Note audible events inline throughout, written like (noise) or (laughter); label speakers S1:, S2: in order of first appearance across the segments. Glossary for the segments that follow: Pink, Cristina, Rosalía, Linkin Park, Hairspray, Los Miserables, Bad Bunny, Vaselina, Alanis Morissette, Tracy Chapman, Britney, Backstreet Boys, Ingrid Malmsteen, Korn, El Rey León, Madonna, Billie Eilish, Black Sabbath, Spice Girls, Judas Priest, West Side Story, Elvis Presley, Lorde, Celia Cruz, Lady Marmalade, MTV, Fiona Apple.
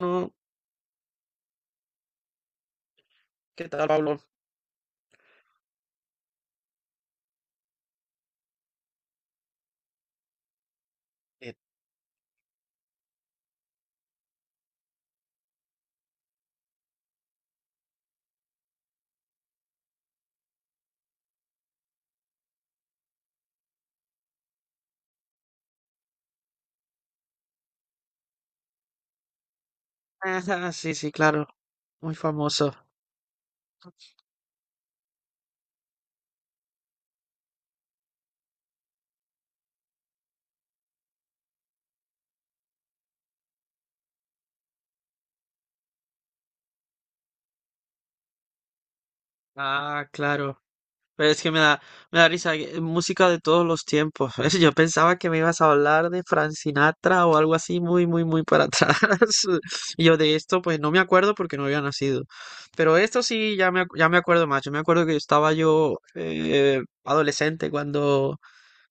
S1: No, ¿qué tal, Pablo? Eh, ajá, sí, sí, claro, muy famoso. Ah, claro. Pero es que me da risa, música de todos los tiempos. (laughs) Yo pensaba que me ibas a hablar de Frank Sinatra o algo así muy, muy, muy para atrás. (laughs) Y yo de esto, pues no me acuerdo porque no había nacido. Pero esto sí, ya me acuerdo más. Yo me acuerdo que estaba yo adolescente cuando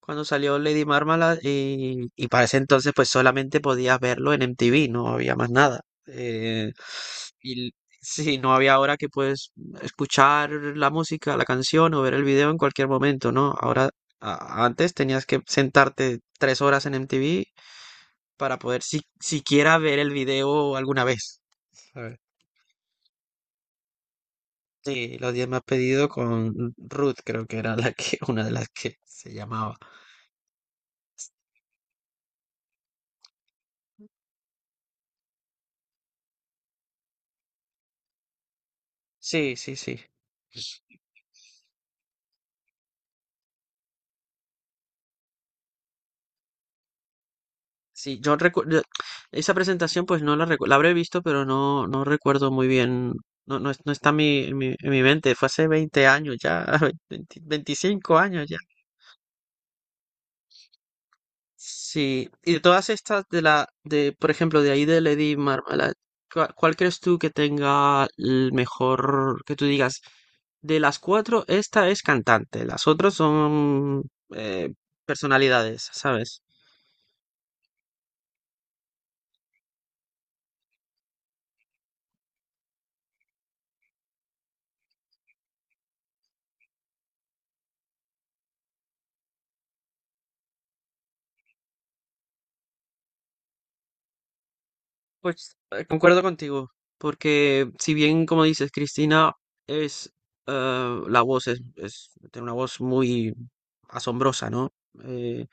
S1: salió Lady Marmalade y para ese entonces pues solamente podías verlo en MTV, no había más nada. Eh, y sí, no había. Ahora que puedes escuchar la música, la canción o ver el video en cualquier momento, ¿no? Ahora, antes tenías que sentarte 3 horas en MTV para poder siquiera ver el video alguna vez. ¿Sabes? Sí, los 10 más pedidos con Ruth, creo que era la que, (laughs) una de las que se llamaba. Sí, sí, sí. Sí, yo recuerdo esa presentación, pues no la la habré visto, pero no, no recuerdo muy bien. No, no, no está en mi mente, fue hace 20 años ya, (laughs) 20 25 años ya. Sí, y de todas estas de, por ejemplo, de ahí de Lady Marmalade, ¿Cuál crees tú que tenga el mejor, que tú digas? De las cuatro, esta es cantante, las otras son eh, personalidades, ¿sabes? Pues concuerdo contigo, porque si bien, como dices, Cristina es, la voz, es, tiene una voz muy asombrosa, ¿no? Eh,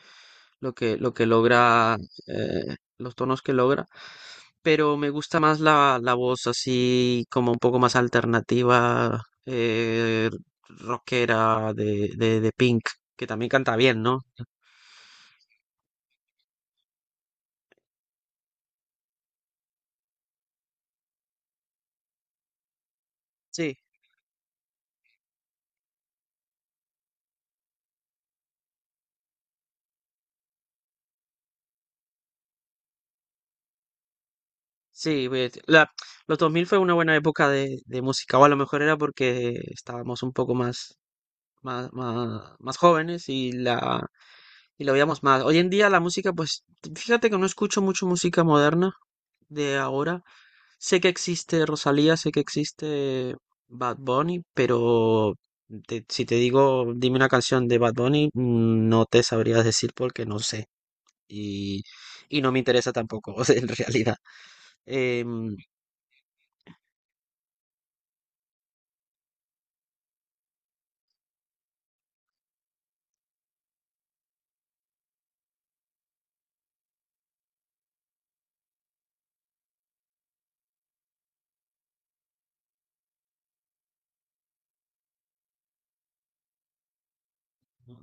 S1: lo que logra, los tonos que logra, pero me gusta más la voz así como un poco más alternativa, rockera de Pink, que también canta bien, ¿no? Sí. Sí, pues, los 2000 fue una buena época de música, o a lo mejor era porque estábamos un poco más jóvenes y lo veíamos más. Hoy en día la música, pues fíjate que no escucho mucho música moderna de ahora. Sé que existe Rosalía, sé que existe Bad Bunny, pero si te digo, dime una canción de Bad Bunny, no te sabrías decir porque no sé. Y, y no me interesa tampoco, (laughs) en realidad. Em,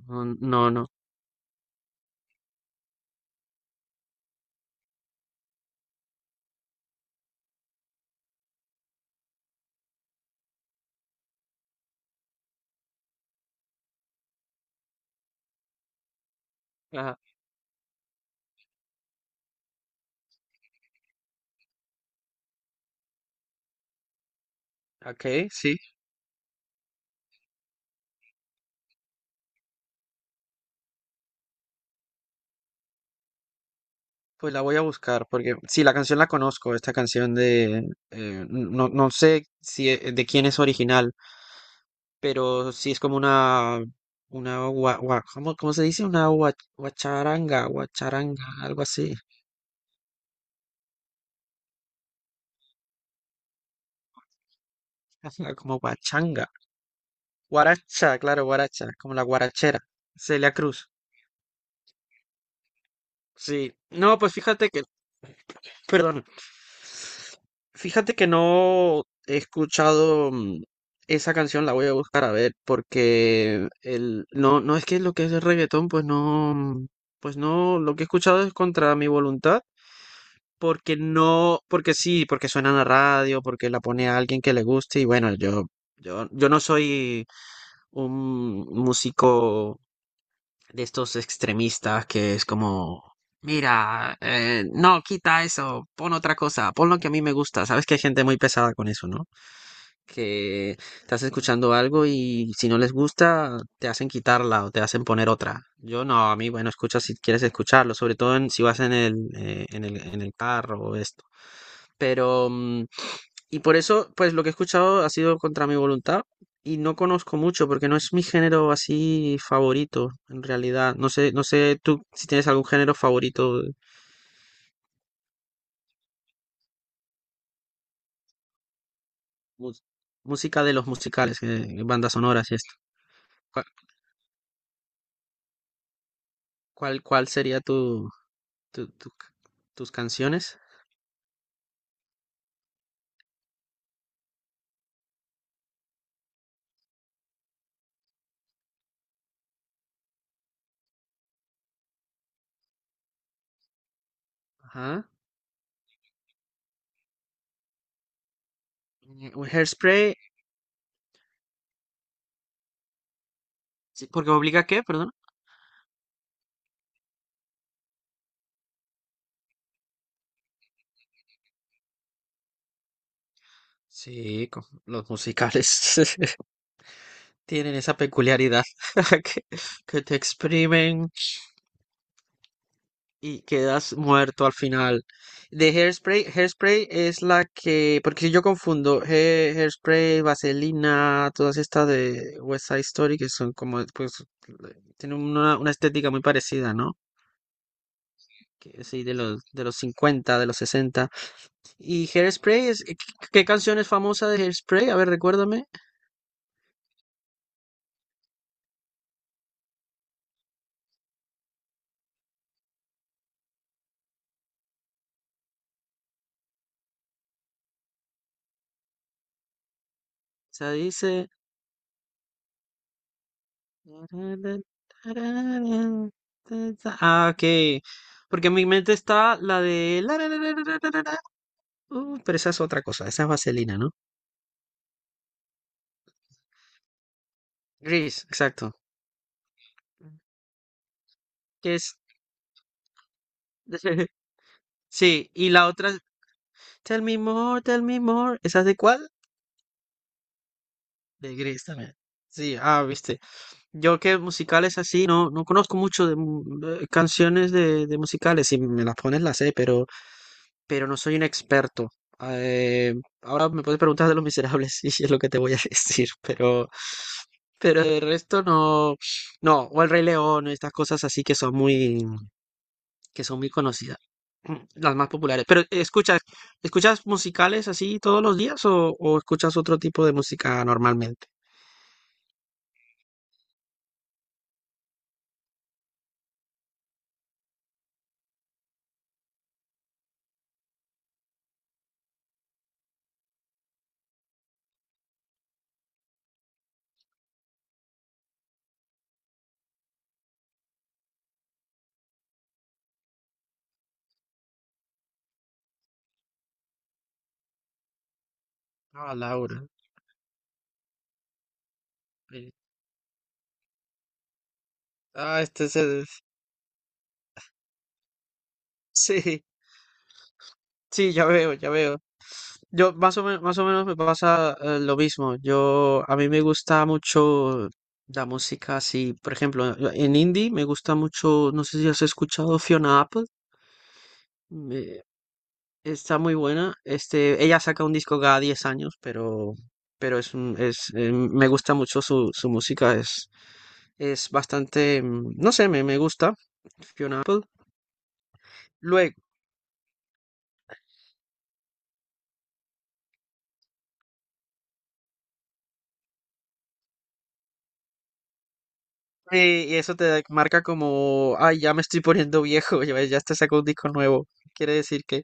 S1: no, no. No. Ajá, ok, sí, pues la voy a buscar porque sí, la canción la conozco, esta canción no, no sé si de quién es original, pero sí es como una, ¿cómo se dice? Una guacharanga, guacharanga, algo así, (laughs) como guachanga, guaracha, claro, guaracha, como la guarachera, Celia Cruz, sí, no, pues fíjate que perdón. Fíjate que no he escuchado, esa canción, la voy a buscar a ver, porque no, no es que lo que es el reggaetón, pues no, pues no, lo que he escuchado es contra mi voluntad, porque no, porque sí, porque suena en la radio, porque la pone a alguien que le guste, y bueno, yo no soy un músico de estos extremistas que es como, mira, no, quita eso, pon otra cosa, pon lo que a mí me gusta. Sabes que hay gente muy pesada con eso, ¿no? Que estás escuchando algo y si no les gusta, te hacen quitarla o te hacen poner otra. Yo no, a mí, bueno, escucha si quieres escucharlo, sobre todo si vas en el carro o esto. Pero y por eso, pues lo que he escuchado ha sido contra mi voluntad y no conozco mucho porque no es mi género así favorito, en realidad. No sé, no sé tú si tienes algún género favorito, mus- música de los musicales, bandas sonoras y esto. ¿Cuál, cuál sería tu- tu ca- tus canciones? Ajá. Un Hairspray, sí, porque obliga a qué, perdón. Sí, los musicales (laughs) tienen esa peculiaridad (laughs) que, que te exprimen y quedas muerto al final. De Hairspray es la que, porque si yo confundo Hairspray, Vaselina, todas estas de West Side Story que son como, pues, tienen una estética muy parecida, ¿no? Que Sí, de los 50, de los 60. ¿Y Hairspray es, qué canción es famosa de Hairspray? A ver, recuérdame. Se dice... Ah, ok. Porque en mi mente está la de... la, la, la, la, la, la, la, la. Pero esa es otra cosa, esa es vaselina, ¿no? Gris, exacto. Que es... (laughs) Sí, y la otra es... Tell me more, tell me more. ¿Esa es de cuál? De Gris también. Sí, ah, viste. Yo que musicales así, no, no conozco mucho de de canciones de musicales. Si me las pones, las sé, pero... no soy un experto. Eh, Ahora me puedes preguntar de Los Miserables (laughs) y es lo que te voy a decir, pero, el resto no, no, o El Rey León, estas cosas así que son muy conocidas, (clears throat) las más populares. Pero escuchas, ¿escuchas musicales así todos los días o escuchas otro tipo de música normalmente? Ah, Laura. eh, Ah, este es el... (laughs) Sí, sí, ya veo, ya veo. Yo más o menos me pasa, lo mismo. Yo a mí me gusta mucho la música así, por ejemplo, en indie me gusta mucho, no sé si has escuchado Fiona Apple, me- está muy buena. Ella saca un disco cada 10 años, pero es me gusta mucho su música, es bastante, no sé, me gusta Fiona Apple. Luego, y eso te marca como, ay, ya me estoy poniendo viejo, (laughs) ya te sacó un disco nuevo. Quiere decir que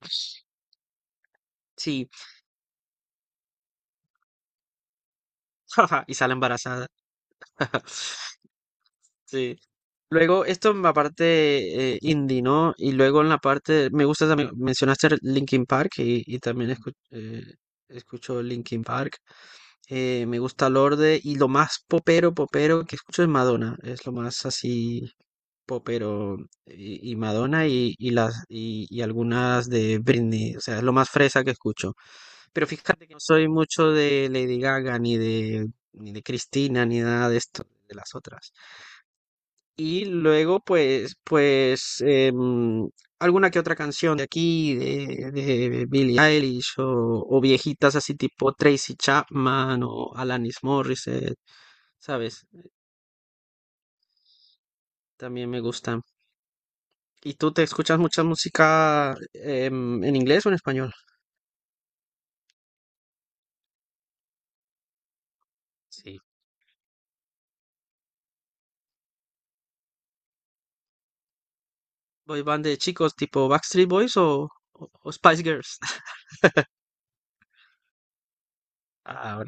S1: sí, (laughs) y sale embarazada. (laughs) Sí. Luego, esto en la parte, indie, ¿no? Y luego en la parte, me gusta también, mencionaste Linkin Park y también escucho Linkin Park. Me gusta Lorde y lo más popero, que escucho es Madonna. Es lo más así popero y Madonna y algunas de Britney. O sea, es lo más fresa que escucho. Pero fíjate que no soy mucho de Lady Gaga, ni de, ni de Cristina, ni nada de esto, de las otras. Y luego, pues, alguna que otra canción de aquí, de Billie Eilish, o viejitas así tipo Tracy Chapman, o Alanis Morissette, ¿sabes? También me gustan. ¿Y tú te escuchas mucha música, en inglés o en español? Sí. Boy band de chicos tipo Backstreet Boys o Spice Girls. (laughs) Ah,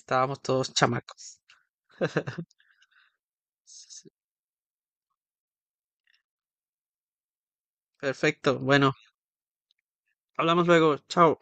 S1: estábamos todos chamacos. Sí, sí, sí. Perfecto. Bueno, hablamos luego. Chao.